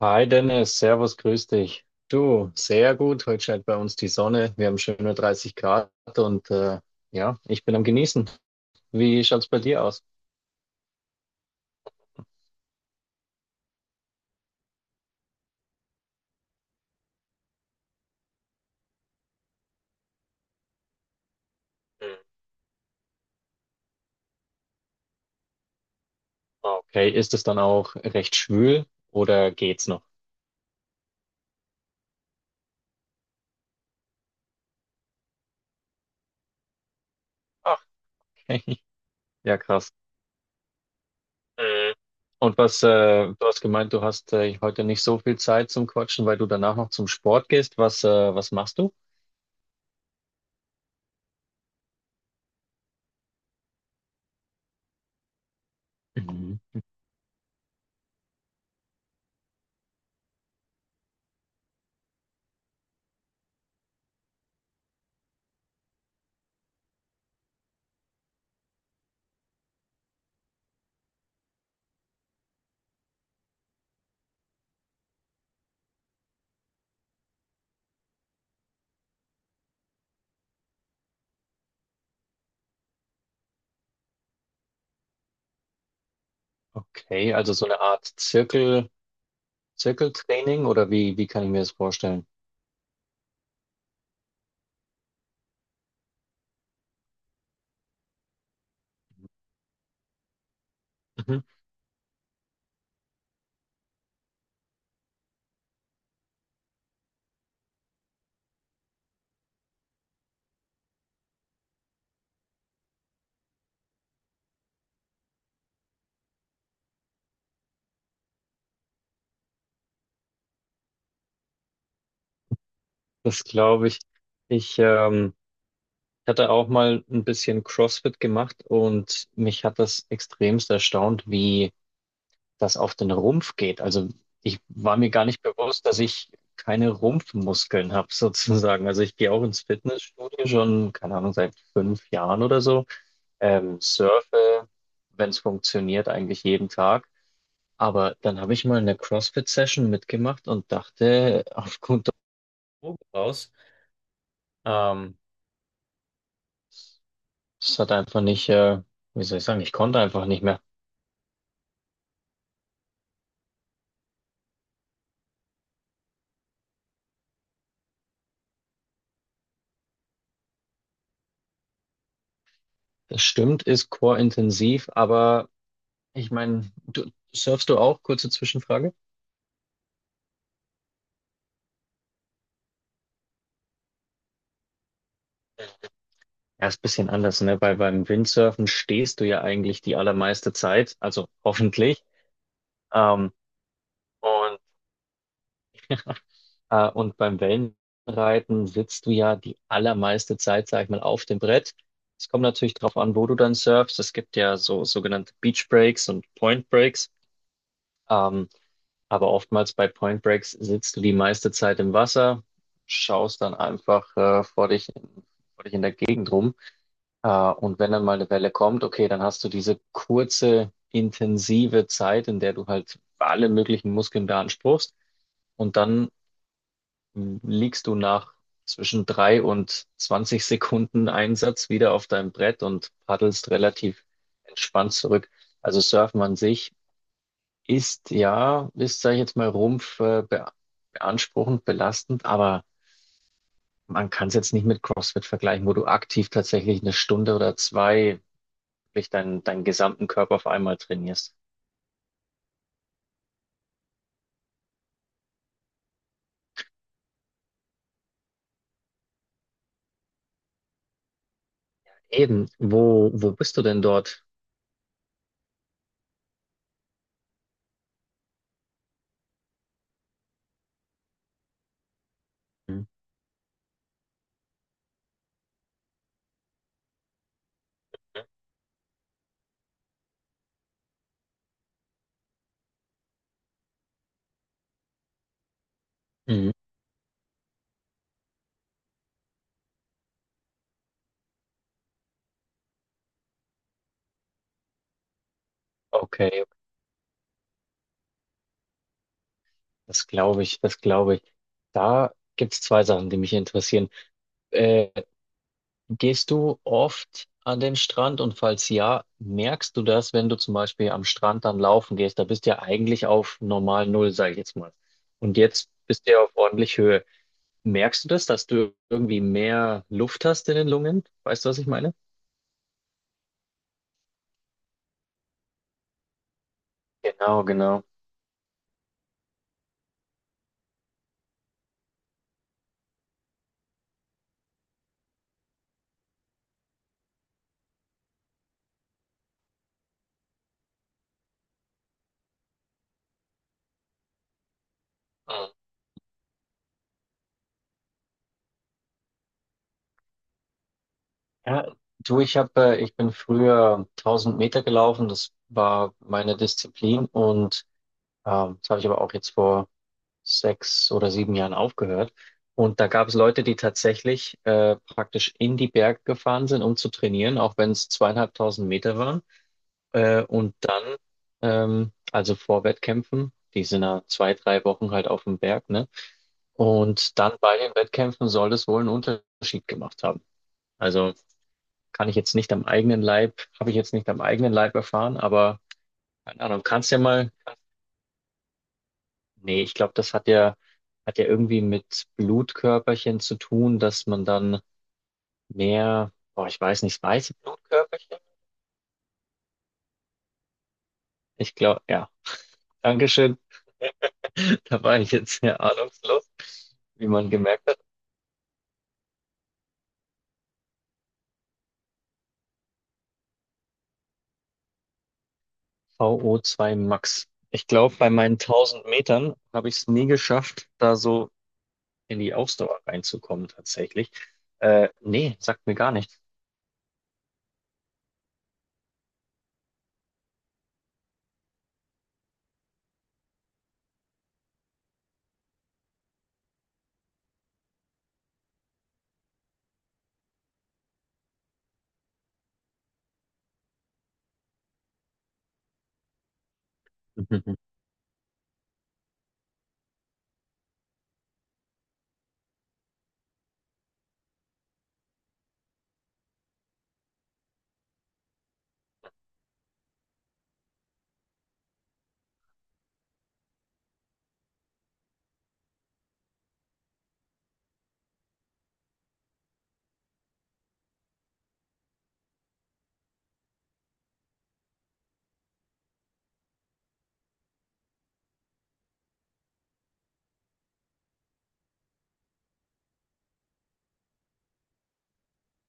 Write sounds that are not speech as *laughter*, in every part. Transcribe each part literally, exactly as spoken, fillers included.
Hi Dennis, Servus, grüß dich. Du, sehr gut. Heute scheint bei uns die Sonne. Wir haben schöne dreißig Grad und äh, ja, ich bin am Genießen. Wie schaut's bei dir aus? Hm. Okay, ist es dann auch recht schwül oder geht's noch? Ach, okay, *laughs* ja krass. Mhm. Und was, äh, du hast gemeint, du hast äh, heute nicht so viel Zeit zum Quatschen, weil du danach noch zum Sport gehst. Was, äh, was machst du? Mhm. Okay, also so eine Art Zirkel, Zirkeltraining oder wie, wie kann ich mir das vorstellen? Das glaube ich. Ich ähm, hatte auch mal ein bisschen CrossFit gemacht und mich hat das extremst erstaunt, wie das auf den Rumpf geht. Also ich war mir gar nicht bewusst, dass ich keine Rumpfmuskeln habe, *laughs* sozusagen. Also ich gehe auch ins Fitnessstudio schon, keine Ahnung, seit fünf Jahren oder so. Ähm, surfe, wenn es funktioniert, eigentlich jeden Tag. Aber dann habe ich mal eine CrossFit-Session mitgemacht und dachte, *laughs* auf gut Deutsch raus. Ähm, Es hat einfach nicht, äh, wie soll ich sagen, ich konnte einfach nicht mehr. Das stimmt, ist Core-intensiv, aber ich meine, du surfst du auch? Kurze Zwischenfrage. Ja, ist ein bisschen anders, ne? Weil beim Windsurfen stehst du ja eigentlich die allermeiste Zeit, also hoffentlich. Ähm, und, äh, und beim Wellenreiten sitzt du ja die allermeiste Zeit, sag ich mal, auf dem Brett. Es kommt natürlich drauf an, wo du dann surfst. Es gibt ja so sogenannte Beach Breaks und Point Breaks. Ähm, Aber oftmals bei Point Breaks sitzt du die meiste Zeit im Wasser, schaust dann einfach äh, vor dich, in- vor dich in der Gegend rum. Äh, und wenn dann mal eine Welle kommt, okay, dann hast du diese kurze, intensive Zeit, in der du halt alle möglichen Muskeln beanspruchst. Und dann mh, liegst du nach zwischen drei und zwanzig Sekunden Einsatz wieder auf deinem Brett und paddelst relativ entspannt zurück. Also Surfen an sich ist ja, ist, sag ich jetzt mal, Rumpf äh, be beanspruchend, belastend, aber man kann es jetzt nicht mit CrossFit vergleichen, wo du aktiv tatsächlich eine Stunde oder zwei wirklich deinen, deinen gesamten Körper auf einmal trainierst. Eben, wo, wo bist du denn dort? Mhm. Mhm. Okay, das glaube ich, das glaube ich. Da gibt's zwei Sachen, die mich interessieren. Äh, Gehst du oft an den Strand und falls ja, merkst du das, wenn du zum Beispiel am Strand dann laufen gehst? Da bist du ja eigentlich auf normal Null, sage ich jetzt mal. Und jetzt bist du ja auf ordentlich Höhe. Merkst du das, dass du irgendwie mehr Luft hast in den Lungen? Weißt du, was ich meine? Genau, genau. Mhm. Ja, du, ich habe, ich bin früher tausend Meter gelaufen, das war meine Disziplin und ähm, das habe ich aber auch jetzt vor sechs oder sieben Jahren aufgehört. Und da gab es Leute, die tatsächlich äh, praktisch in die Berge gefahren sind, um zu trainieren, auch wenn es zweieinhalbtausend Meter waren. Äh, und dann, ähm, also vor Wettkämpfen, die sind ja zwei, drei Wochen halt auf dem Berg, ne? Und dann bei den Wettkämpfen soll das wohl einen Unterschied gemacht haben. Also kann ich jetzt nicht am eigenen Leib, habe ich jetzt nicht am eigenen Leib erfahren, aber keine Ahnung, kannst ja mal. Nee, ich glaube, das hat ja, hat ja irgendwie mit Blutkörperchen zu tun, dass man dann mehr, boah, ich weiß nicht, weiße Blutkörperchen? Ich glaube, ja. Dankeschön. *laughs* Da war ich jetzt sehr ahnungslos, wie man gemerkt hat. Vo zwei Max. Ich glaube, bei meinen tausend Metern habe ich es nie geschafft, da so in die Ausdauer reinzukommen, tatsächlich. Äh, nee, sagt mir gar nichts. *laughs*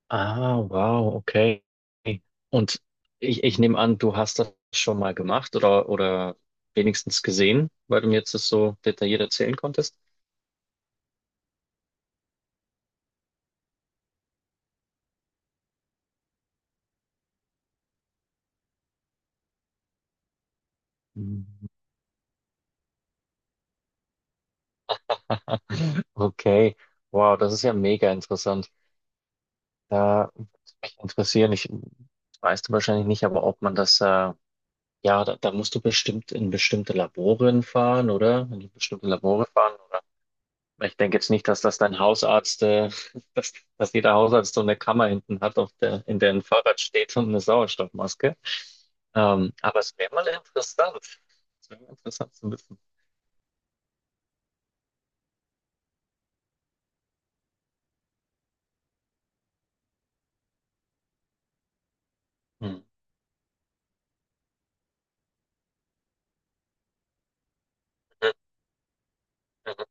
Ah, wow, okay. Und ich, ich nehme an, du hast das schon mal gemacht oder, oder wenigstens gesehen, weil du mir jetzt das so detailliert erzählen konntest. Mhm. *laughs* Okay, wow, das ist ja mega interessant. Da würde mich interessieren, ich weißt du wahrscheinlich nicht, aber ob man das, äh, ja, da, da musst du bestimmt in bestimmte Laboren fahren, oder? In bestimmte Labore fahren. Ich denke jetzt nicht, dass das dein Hausarzt, äh, *laughs* dass, dass jeder Hausarzt so eine Kammer hinten hat, auf der, in der ein Fahrrad steht und eine Sauerstoffmaske. Ähm, aber es wäre mal interessant. Es wäre mal interessant zu wissen. Hm. Mhm. Mhm.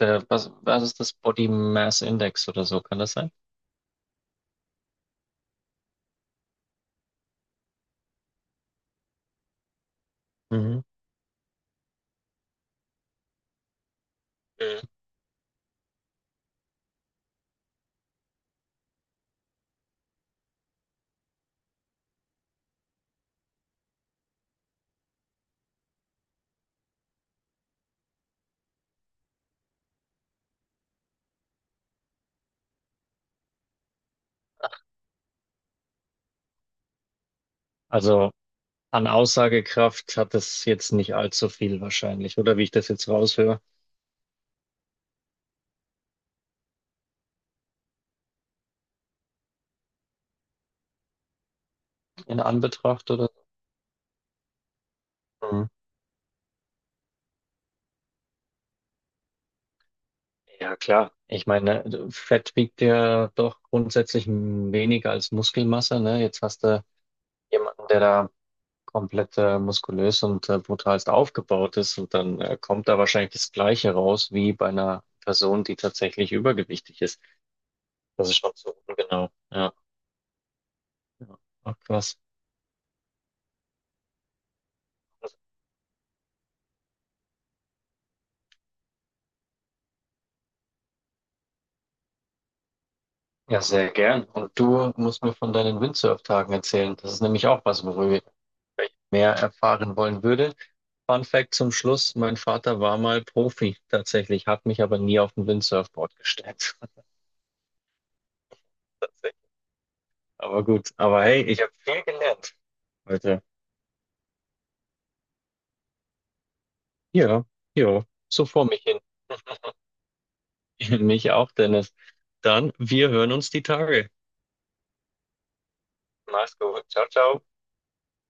Der, was, was ist das Body Mass Index oder so? Kann das sein? Mhm. Mhm. Also an Aussagekraft hat es jetzt nicht allzu viel wahrscheinlich, oder wie ich das jetzt raushöre, in Anbetracht oder? Ja, klar. Ich meine, Fett wiegt ja doch grundsätzlich weniger als Muskelmasse, ne? Jetzt hast du jemanden, der da komplett äh, muskulös und äh, brutalst aufgebaut ist und dann äh, kommt da wahrscheinlich das Gleiche raus wie bei einer Person, die tatsächlich übergewichtig ist. Das ist schon so ungenau. Ja. Ja, ach, krass. Ja, sehr gern. Und du musst mir von deinen Windsurf-Tagen erzählen. Das ist nämlich auch was, worüber ich mehr erfahren wollen würde. Fun Fact zum Schluss, mein Vater war mal Profi tatsächlich, hat mich aber nie auf ein Windsurfboard gestellt. *laughs* Tatsächlich. Aber gut, aber hey, ich habe viel gelernt heute. Ja, ja, so vor mich hin. *laughs* Mich auch, Dennis. Dann, wir hören uns die Tage. Mach's gut. Ciao, ciao.